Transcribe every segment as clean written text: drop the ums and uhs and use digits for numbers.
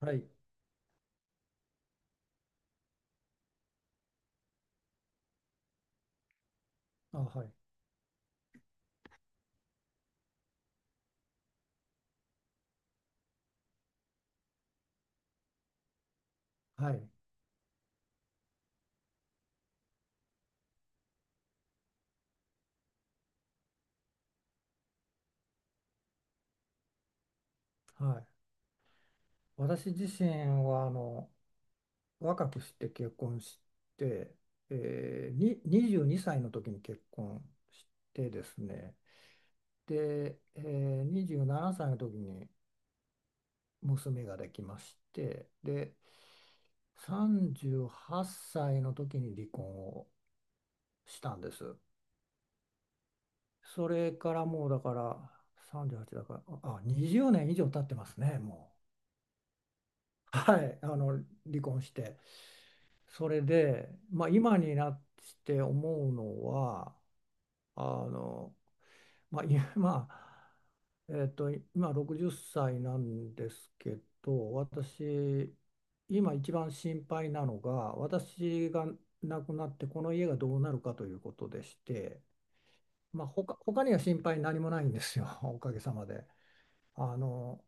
はい、あ、はい、はい、はい。私自身は若くして結婚して、22歳の時に結婚してですね、で、27歳の時に娘ができまして、で、38歳の時に離婚をしたんです。それからもうだから38だから、あ、20年以上経ってますね、もう。はい、離婚して。それで、まあ、今になって思うのはあの、まあ、今60歳なんですけど、私今一番心配なのが私が亡くなってこの家がどうなるかということでして、まあ、他には心配何もないんですよ おかげさまで。あの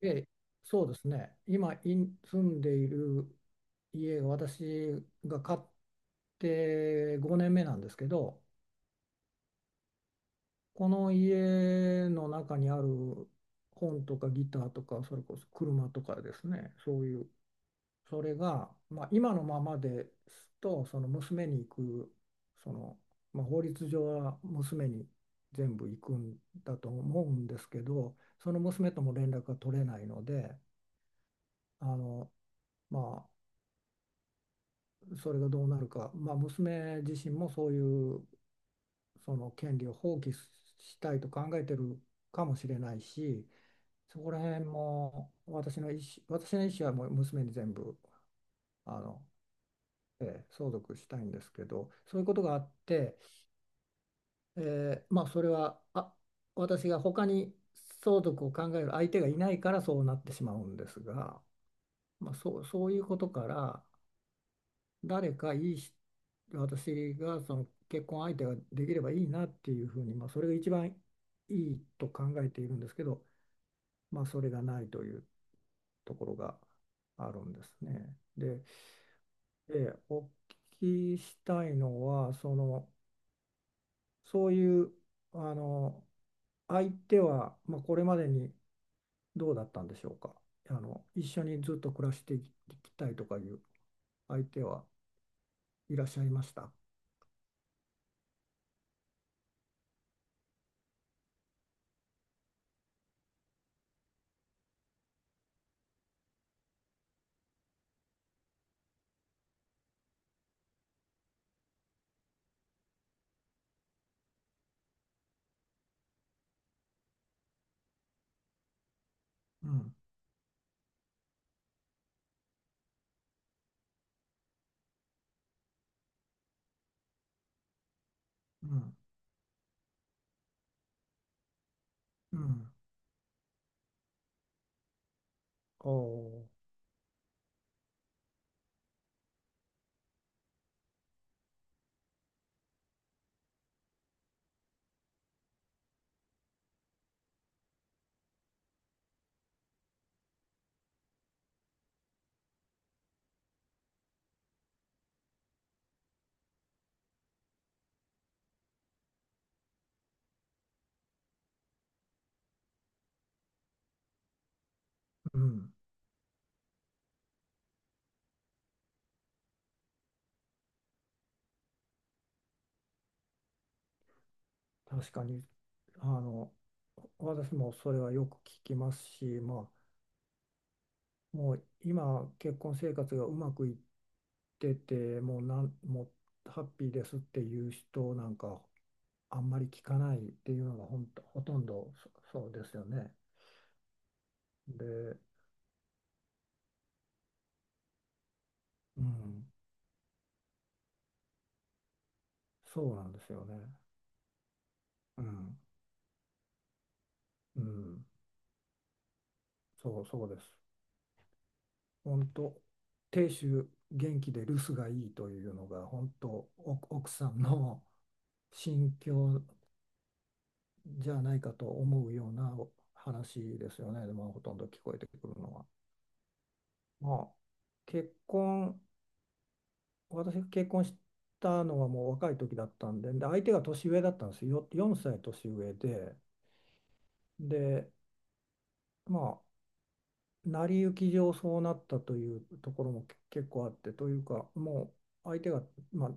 で、そうですね、今住んでいる家が私が買って5年目なんですけど、この家の中にある本とかギターとか、それこそ車とかですね、そういう、それが、まあ、今のままですと、その娘に行く、その、まあ、法律上は娘に全部行くんだと思うんですけど、その娘とも連絡が取れないので、あの、まあそれがどうなるか、まあ、娘自身もそういうその権利を放棄したいと考えてるかもしれないし、そこら辺も私の意思はもう娘に全部あの、相続したいんですけど、そういうことがあって、まあ、それは私が他に相続を考える相手がいないからそうなってしまうんですが、まあ、そういうことから、誰かいいし私がその結婚相手ができればいいなっていうふうに、まあ、それが一番いいと考えているんですけど、まあ、それがないというところがあるんですね。で、お聞きしたいのは、そういうあの相手は、まあ、これまでにどうだったんでしょうか。一緒にずっと暮らしていきたいとかいう相手はいらっしゃいました？うん、うん、うん。おーうん、確かに、あの、私もそれはよく聞きますし、まあ、もう今、結婚生活がうまくいってて、もうハッピーですっていう人なんか、あんまり聞かないっていうのがほんと、ほとんどそうですよね。で、うん、そうなんですよね。うん、うん、そうです。本当、亭主元気で留守がいいというのが、本当、お奥さんの心境じゃないかと思うような話ですよね、でもほとんど聞こえてくるのは。まあ、結婚、私が結婚したのはもう若い時だったんで、で相手が年上だったんですよ、4歳年上で、で、まあ、成り行き上そうなったというところも結構あって、というか、もう相手が、まあ、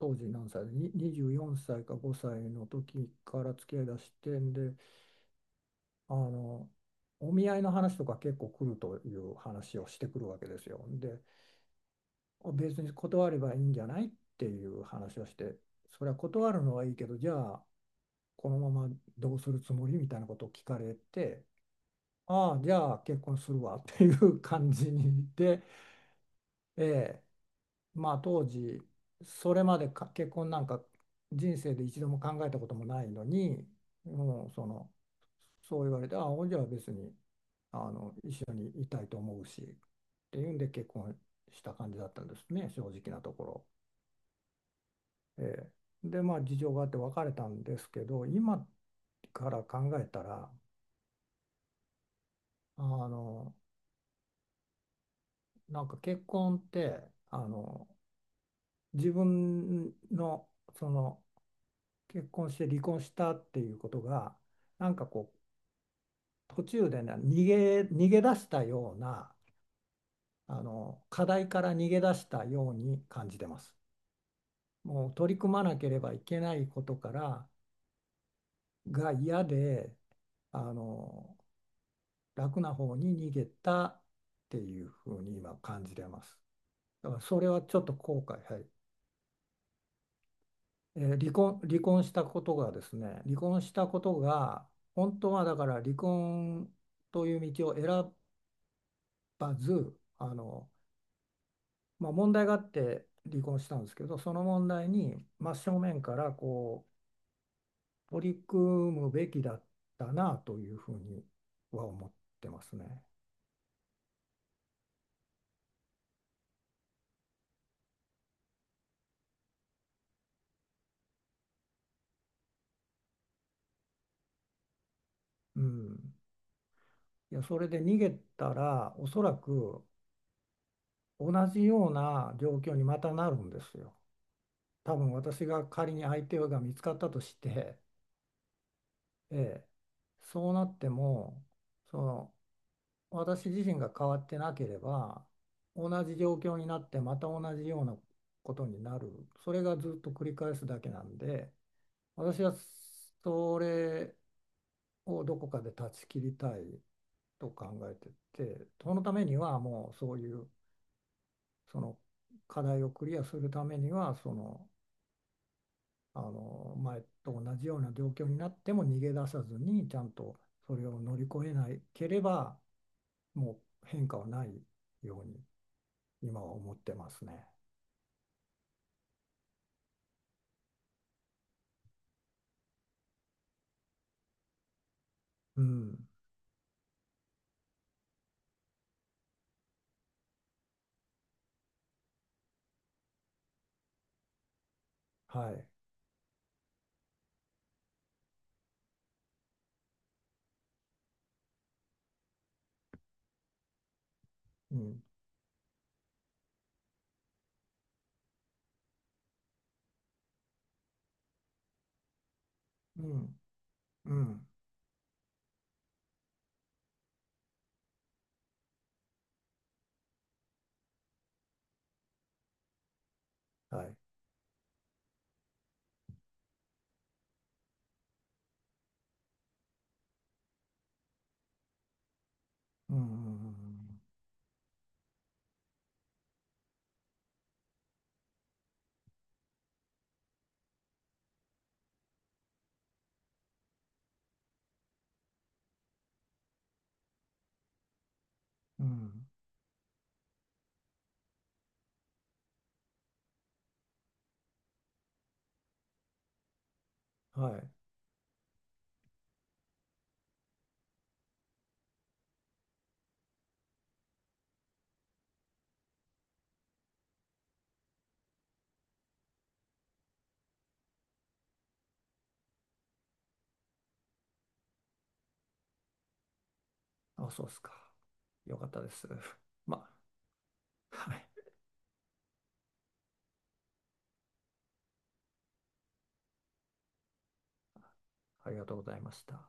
当時何歳で、に24歳か5歳の時から付き合いだしてんで、あのお見合いの話とか結構来るという話をしてくるわけですよ。で、別に断ればいいんじゃないっていう話をして、それは断るのはいいけど、じゃあこのままどうするつもりみたいなことを聞かれて、ああ、じゃあ結婚するわっていう感じにで、ええ、まあ当時、それまでか結婚なんか人生で一度も考えたこともないのに、もうそう言われて、ああ、じゃあ別に、一緒にいたいと思うしっていうんで結婚した感じだったんですね、正直なところ。ええ、でまあ事情があって別れたんですけど、今から考えたら、あのなんか結婚って、あの自分のその結婚して離婚したっていうことが、なんかこう途中でね、逃げ出したような、課題から逃げ出したように感じてます。もう取り組まなければいけないことからが嫌で、あの楽な方に逃げたっていうふうに今感じれます。だからそれはちょっと後悔、はい。離婚したことがですね、離婚したことが本当は。だから離婚という道を選ばず、まあ、問題があって離婚したんですけど、その問題に真正面からこう取り組むべきだったなというふうには思ってますね。うん。いや、それで逃げたら、おそらく同じような状況にまたなるんですよ。多分私が仮に相手が見つかったとして、ええ、そうなっても、その私自身が変わってなければ、同じ状況になってまた同じようなことになる。それがずっと繰り返すだけなんで、私はそれをどこかで断ち切りたいと考えてて、そのためにはもうそういうその課題をクリアするためには、前と同じような状況になっても逃げ出さずに、ちゃんとそれを乗り越えなければ、もう変化はないように今は思ってますね。うん、はい、うん、うん、うん、はい、うん、うん、うん、うん、はい。あ、そうですか。よかったです。まあ、はい。ありがとうございました。